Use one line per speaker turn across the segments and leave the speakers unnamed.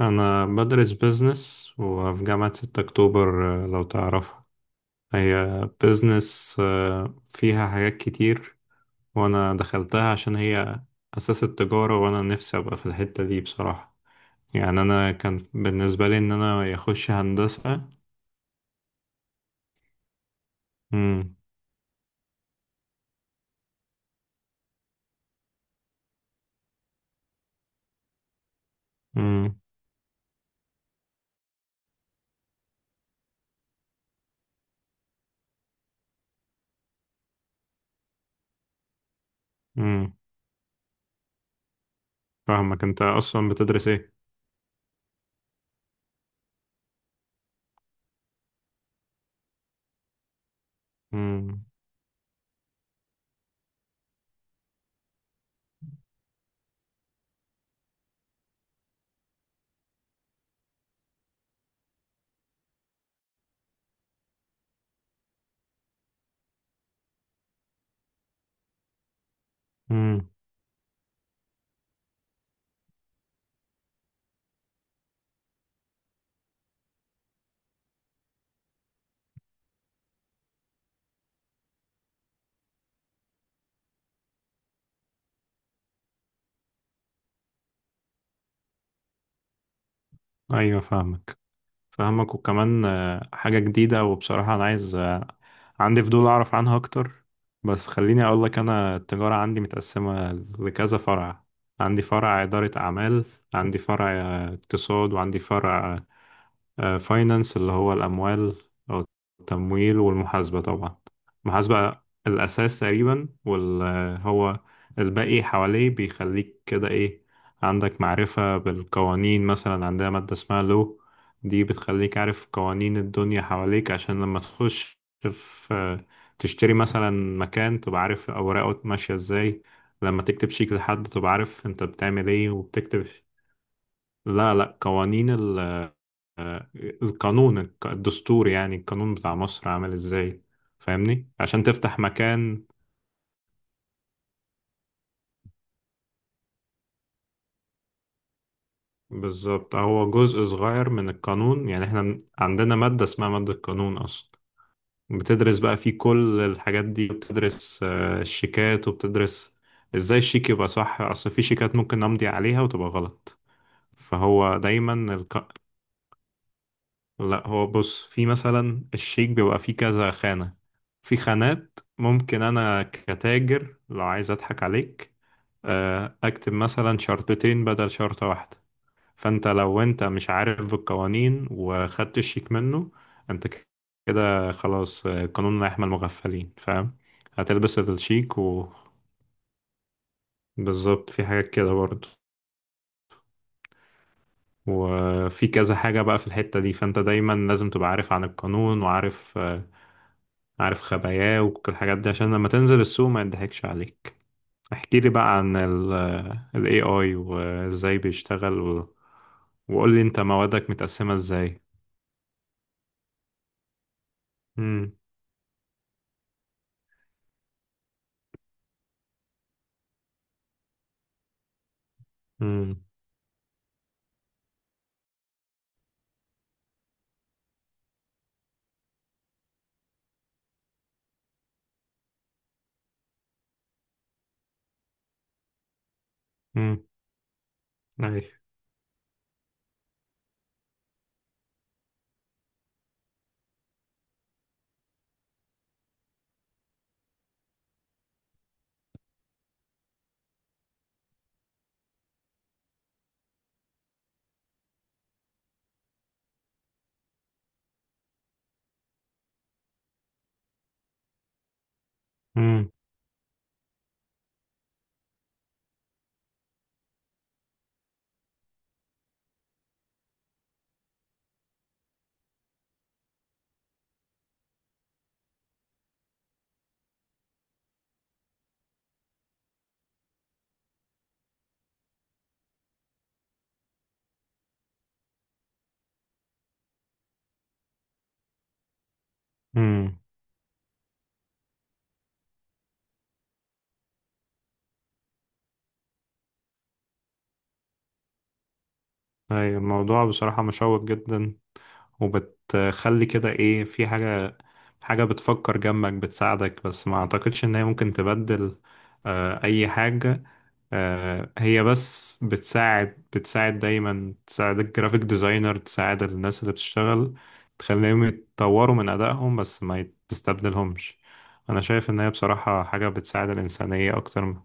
أنا بدرس بيزنس وفي جامعة 6 أكتوبر، لو تعرفها. هي بيزنس فيها حاجات كتير، وأنا دخلتها عشان هي أساس التجارة، وأنا نفسي أبقى في الحتة دي بصراحة. يعني أنا كان بالنسبة لي إن أنا أخش هندسة. مم. مم. مم. فاهمك أنت أصلا بتدرس إيه؟ مم. مم. أيوة فاهمك. فاهمك، وكمان حاجة جديدة، وبصراحة أنا عايز، عندي فضول أعرف عنها أكتر. بس خليني أقول لك، أنا التجارة عندي متقسمة لكذا فرع. عندي فرع إدارة أعمال، عندي فرع اقتصاد، وعندي فرع فاينانس اللي هو الأموال أو التمويل، والمحاسبة طبعا. المحاسبة الأساس تقريبا، وهو الباقي حواليه بيخليك كده، إيه؟ عندك معرفة بالقوانين. مثلا عندنا مادة اسمها لو، دي بتخليك عارف قوانين الدنيا حواليك، عشان لما تخش في... تشتري مثلا مكان، تبقى عارف أوراقه ماشية إزاي. لما تكتب شيك لحد تبقى عارف أنت بتعمل إيه وبتكتب. لا، لا، قوانين. القانون الدستور، يعني القانون بتاع مصر عامل ازاي. فاهمني، عشان تفتح مكان. بالظبط، هو جزء صغير من القانون. يعني احنا عندنا مادة اسمها مادة القانون اصلا. بتدرس بقى فيه كل الحاجات دي، بتدرس الشيكات، وبتدرس ازاي الشيك يبقى صح. اصل في شيكات ممكن امضي عليها وتبقى غلط. فهو دايما... لا، هو بص، في مثلا الشيك بيبقى فيه كذا خانة. في خانات ممكن أنا كتاجر لو عايز أضحك عليك، أكتب مثلا شرطتين بدل شرطة واحدة. فأنت لو أنت مش عارف بالقوانين، وخدت الشيك منه، أنت كده خلاص، قانون لا يحمي المغفلين، فاهم؟ هتلبس الشيك بالظبط. في حاجات كده برضه، وفي كذا حاجة بقى في الحتة دي، فأنت دايما لازم تبقى عارف عن القانون، وعارف آه، عارف خباياه، وكل الحاجات دي، عشان لما تنزل السوق ما يضحكش عليك. احكي لي بقى عن ال AI وازاي بيشتغل، وقول لي انت موادك متقسمة ازاي. امم. امم. امم. اي. امم. امم. اي، الموضوع بصراحة مشوق جدا، وبتخلي كده، ايه؟ في حاجة، حاجة بتفكر جنبك بتساعدك، بس ما اعتقدش ان هي ممكن تبدل اي حاجة. هي بس بتساعد، بتساعد دايما. تساعد الجرافيك ديزاينر، تساعد الناس اللي بتشتغل، تخليهم يتطوروا من أدائهم، بس ما تستبدلهمش. أنا شايف إن هي بصراحة حاجة بتساعد الإنسانية أكتر من...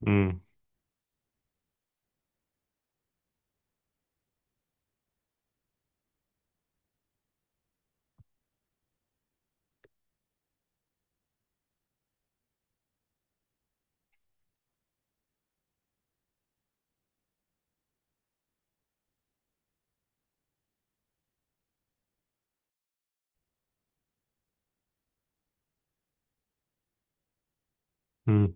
مم. مم.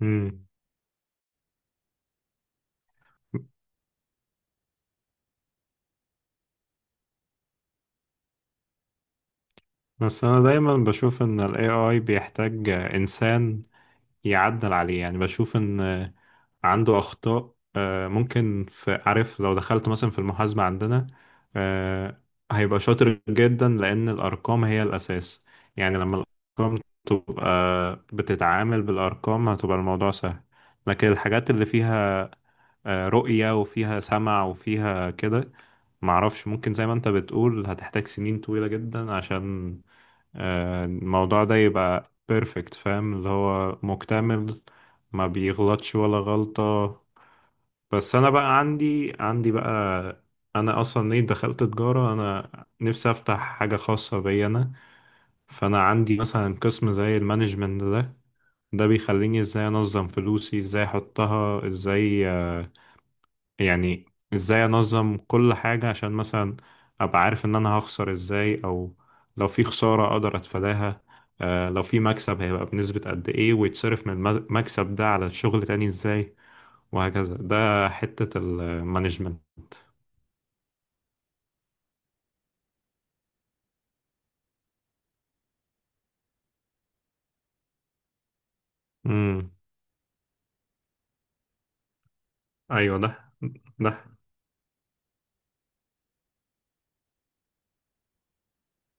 مم. بس أنا دايما بشوف إن ال AI بيحتاج إنسان يعدل عليه. يعني بشوف ان عنده اخطاء، ممكن، في... عارف، لو دخلت مثلا في المحاسبة عندنا، آه، هيبقى شاطر جدا، لان الارقام هي الاساس. يعني لما الارقام تبقى... بتتعامل بالارقام هتبقى الموضوع سهل. لكن الحاجات اللي فيها رؤية وفيها سمع وفيها كده، معرفش، ممكن زي ما انت بتقول هتحتاج سنين طويلة جدا عشان الموضوع ده يبقى بيرفكت، فاهم؟ اللي هو مكتمل، ما بيغلطش ولا غلطة. بس انا بقى عندي بقى. انا اصلا، ايه، دخلت تجارة. انا نفسي افتح حاجة خاصة بي انا. فانا عندي مثلا قسم زي المانجمنت ده بيخليني ازاي انظم فلوسي، ازاي احطها، ازاي يعني، ازاي انظم كل حاجة، عشان مثلا ابقى عارف ان انا هخسر ازاي، او لو في خسارة اقدر اتفاداها. لو في مكسب هيبقى بنسبة قد ايه، ويتصرف من المكسب ده على الشغل تاني ازاي. وهكذا، ده حتة المانجمنت. امم. ايوه. ده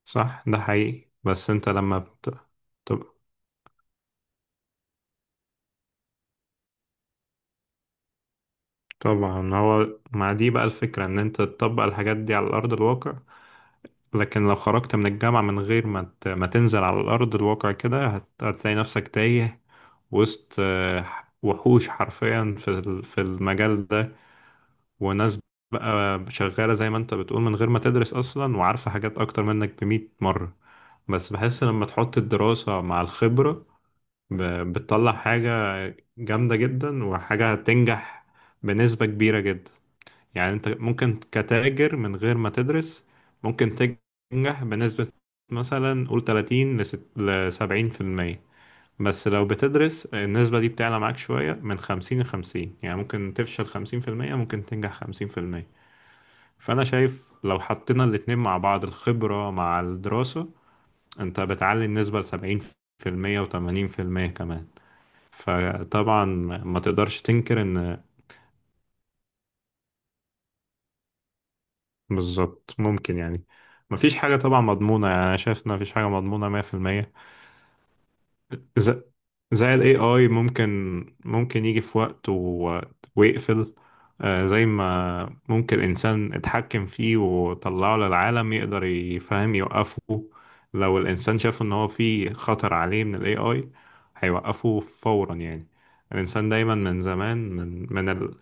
صح، ده حقيقي، بس انت لما طب... طبعا. هو مع دي بقى الفكرة، ان انت تطبق الحاجات دي على ارض الواقع. لكن لو خرجت من الجامعة من غير ما تنزل على الأرض الواقع، كده هتلاقي نفسك تايه وسط، وحوش حرفيا، في في المجال ده. وناس بقى شغالة زي ما انت بتقول من غير ما تدرس أصلا، وعارفة حاجات أكتر منك بمئة مرة. بس بحس لما تحط الدراسة مع الخبرة، بتطلع حاجة جامدة جدا، وحاجة هتنجح بنسبة كبيرة جدا. يعني انت ممكن كتاجر من غير ما تدرس، ممكن تنجح بنسبة مثلا قول 30 ل 70%. بس لو بتدرس النسبة دي بتعلى معاك شوية، من 50 ل 50، يعني ممكن تفشل 50%، ممكن تنجح 50%. فأنا شايف لو حطينا الاتنين مع بعض، الخبرة مع الدراسة، انت بتعلي النسبة ل 70% و80% كمان. فطبعا، ما تقدرش تنكر ان... بالظبط، ممكن يعني، مفيش حاجة طبعا مضمونة. يعني أنا شايف إن مفيش حاجة مضمونة 100%. ز- زي ال AI، ممكن يجي في وقت ويقفل. زي ما ممكن إنسان اتحكم فيه وطلعه للعالم يقدر يفهم يوقفه. لو الإنسان شاف إن هو في خطر عليه من ال AI هيوقفه فورا. يعني الإنسان دايما من زمان.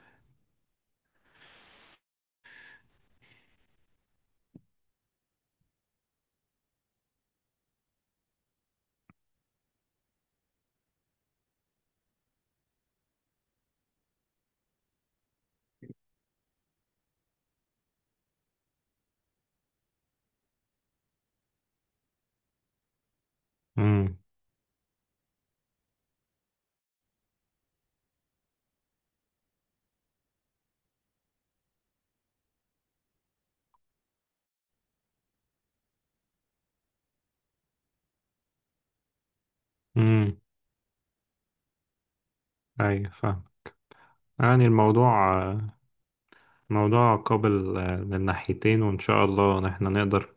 مم. مم. أيوة فاهم. يعني الموضوع، موضوع قابل من ناحيتين، وإن شاء الله إن إحنا نقدر،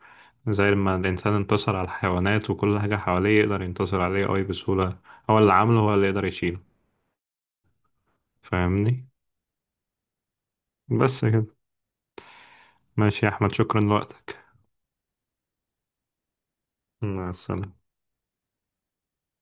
زي ما الإنسان انتصر على الحيوانات وكل حاجة حواليه، يقدر ينتصر عليه أي بسهولة. هو اللي عامله، هو اللي يقدر يشيله. فاهمني؟ بس كده. ماشي يا أحمد، شكرا لوقتك. مع السلامة.